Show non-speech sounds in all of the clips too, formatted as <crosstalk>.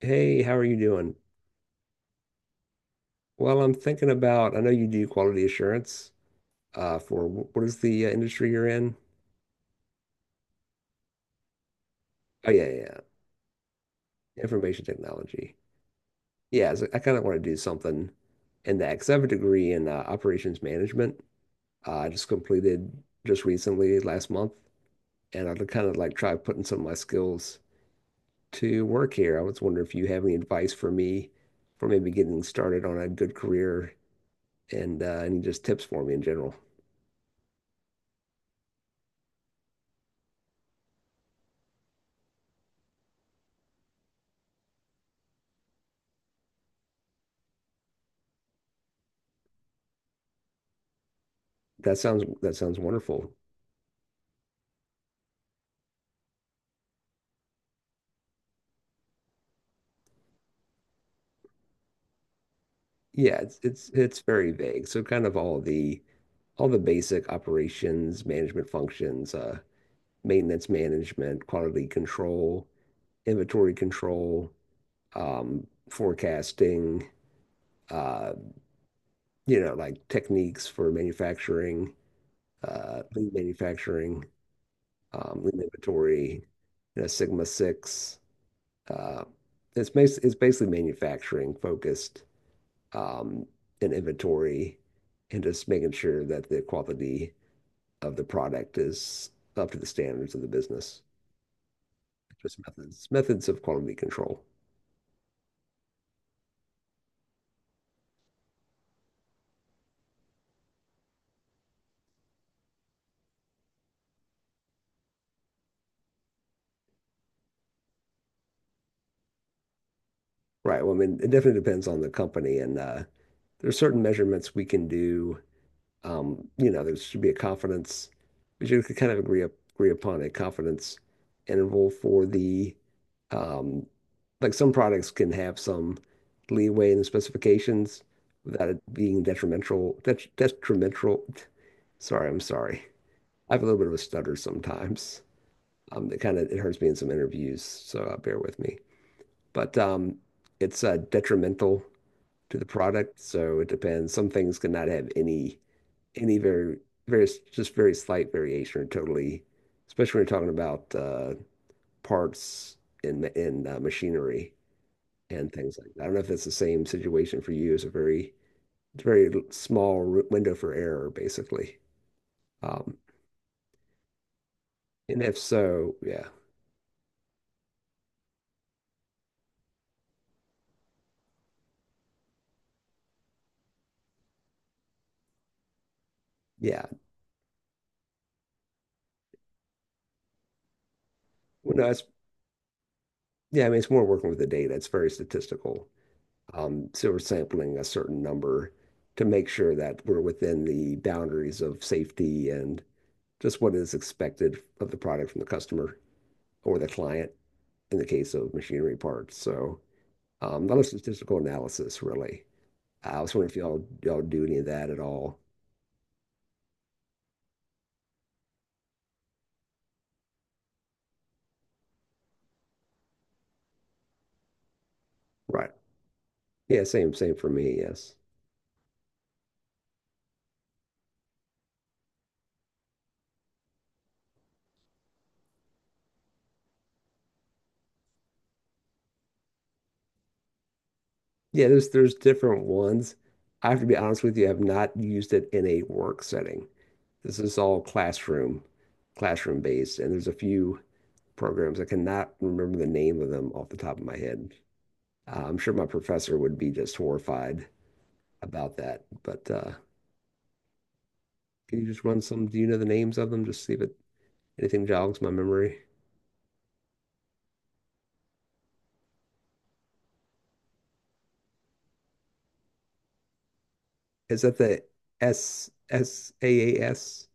Hey, how are you doing? Well, I'm thinking about, I know you do quality assurance for what is the industry you're in? Oh, yeah, yeah, yeah. Information technology. Yeah, so I kind of want to do something in that because I have a degree in operations management. I just completed just recently last month, and I'd kind of like try putting some of my skills to work here. I was wondering if you have any advice for me for maybe getting started on a good career and any just tips for me in general. That sounds wonderful. Yeah, it's very vague. So kind of all the basic operations, management functions, maintenance management, quality control, inventory control, forecasting, uh, you know, like techniques for manufacturing, lean manufacturing, lean inventory, you know, Sigma Six. Uh, it's basically manufacturing focused, um, and inventory and just making sure that the quality of the product is up to the standards of the business. Just methods of quality control. Right. Well, I mean, it definitely depends on the company, and there are certain measurements we can do. You know, there should be a confidence. We should kind of agree upon a confidence interval for the um, like some products can have some leeway in the specifications without it being detrimental. Detrimental. Sorry, I'm sorry. I have a little bit of a stutter sometimes. It kind of it hurts me in some interviews, so bear with me. But it's detrimental to the product, so it depends. Some things could not have any very just very slight variation or totally, especially when you're talking about parts in machinery and things like that. I don't know if that's the same situation for you. It's a very small window for error, basically. Um, and if so, yeah, yeah. Well, no, it's yeah. I mean, it's more working with the data. It's very statistical. So we're sampling a certain number to make sure that we're within the boundaries of safety and just what is expected of the product from the customer or the client in the case of machinery parts. So not a lot of statistical analysis, really. I was wondering if y'all do any of that at all. Right. Yeah, same for me, yes. Yeah, there's different ones. I have to be honest with you, I have not used it in a work setting. This is all classroom-based, and there's a few programs. I cannot remember the name of them off the top of my head. I'm sure my professor would be just horrified about that. But can you just run some? Do you know the names of them? Just see if it, anything jogs my memory. Is that the SAAS?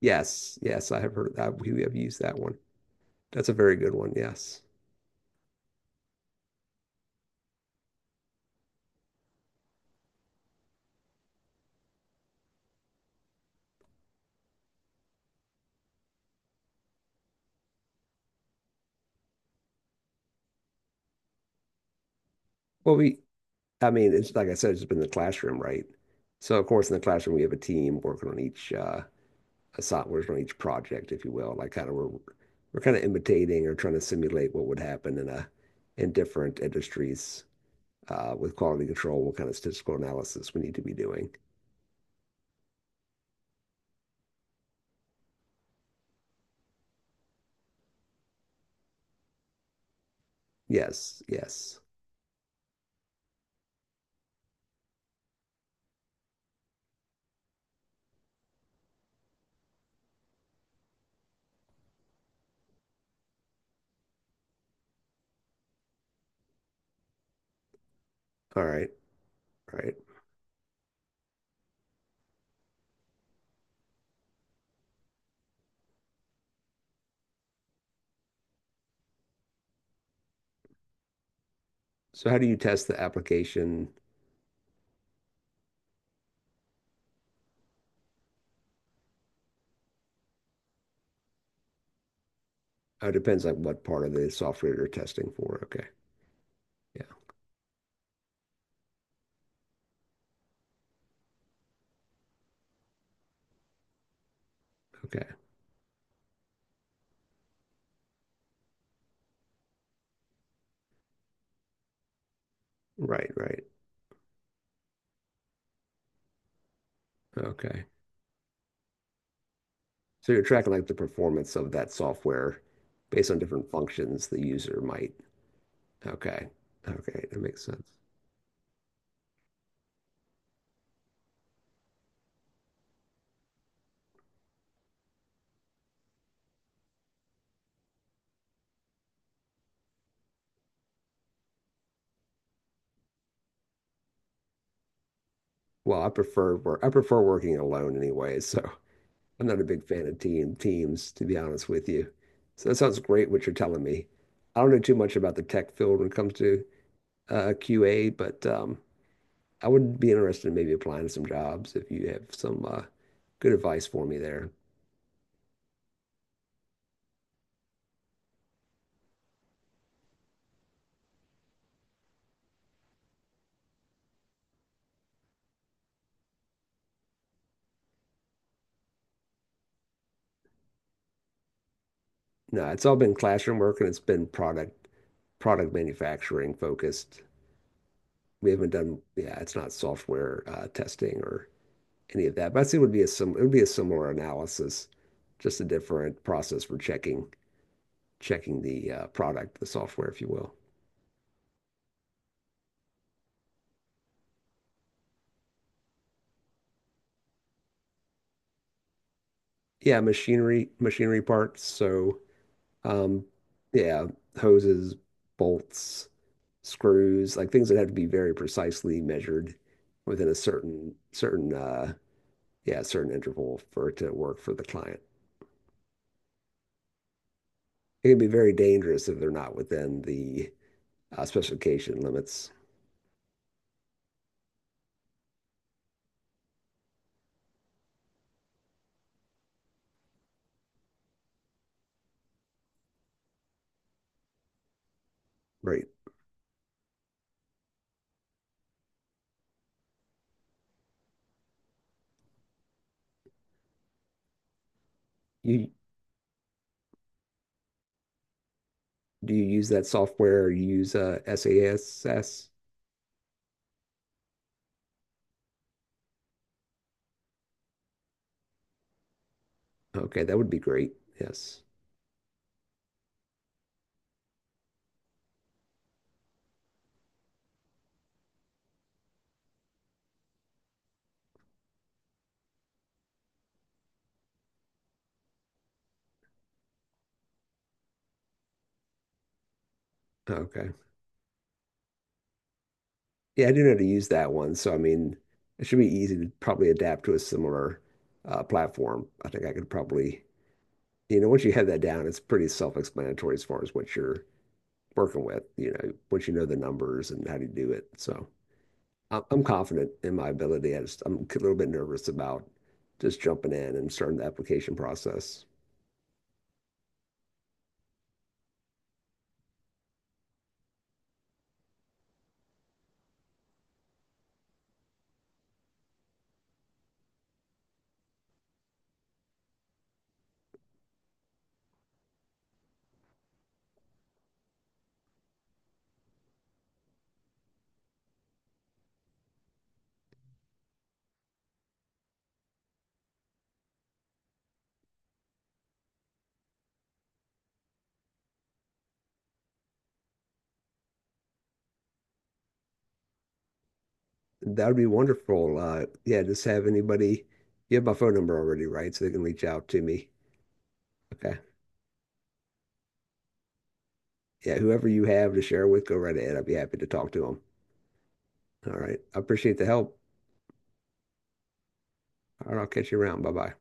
Yes, yes, I have heard that. We have used that one. That's a very good one. Yes. Well, we, I mean, it's like I said, it's been the classroom, right? So of course, in the classroom, we have a team working on each softwares on each project, if you will. Like kind of we're kind of imitating or trying to simulate what would happen in a in different industries with quality control, what kind of statistical analysis we need to be doing. Yes. Yes. All right. All right. So how do you test the application? Oh, it depends on what part of the software you're testing for. Okay. Yeah. Okay. Right. Right. Okay. So you're tracking like the performance of that software based on different functions the user might. Okay. Okay. That makes sense. I prefer working alone anyway, so <laughs> I'm not a big fan of teams, to be honest with you. So that sounds great what you're telling me. I don't know too much about the tech field when it comes to QA, but I would be interested in maybe applying to some jobs if you have some good advice for me there. No, it's all been classroom work and it's been product manufacturing focused. We haven't done, yeah, it's not software testing or any of that. But I'd it would be a sim it would be a similar analysis, just a different process for checking the product, the software, if you will. Yeah, machinery parts. So um, yeah, hoses, bolts, screws, like things that have to be very precisely measured within a certain yeah certain interval for it to work for the client. It can be very dangerous if they're not within the specification limits. Right. You Do you use that software? Or you use SASS? Okay, that would be great. Yes. Okay. Yeah, I do know how to use that one. So, I mean, it should be easy to probably adapt to a similar platform. I think I could probably, you know, once you have that down, it's pretty self-explanatory as far as what you're working with, you know, once you know the numbers and how to do it. So, I'm confident in my ability. I just, I'm a little bit nervous about just jumping in and starting the application process. That would be wonderful. Yeah, just have anybody. You have my phone number already, right? So they can reach out to me. Okay. Yeah, whoever you have to share with, go right ahead. I'd be happy to talk to them. All right. I appreciate the help. All right, I'll catch you around. Bye bye.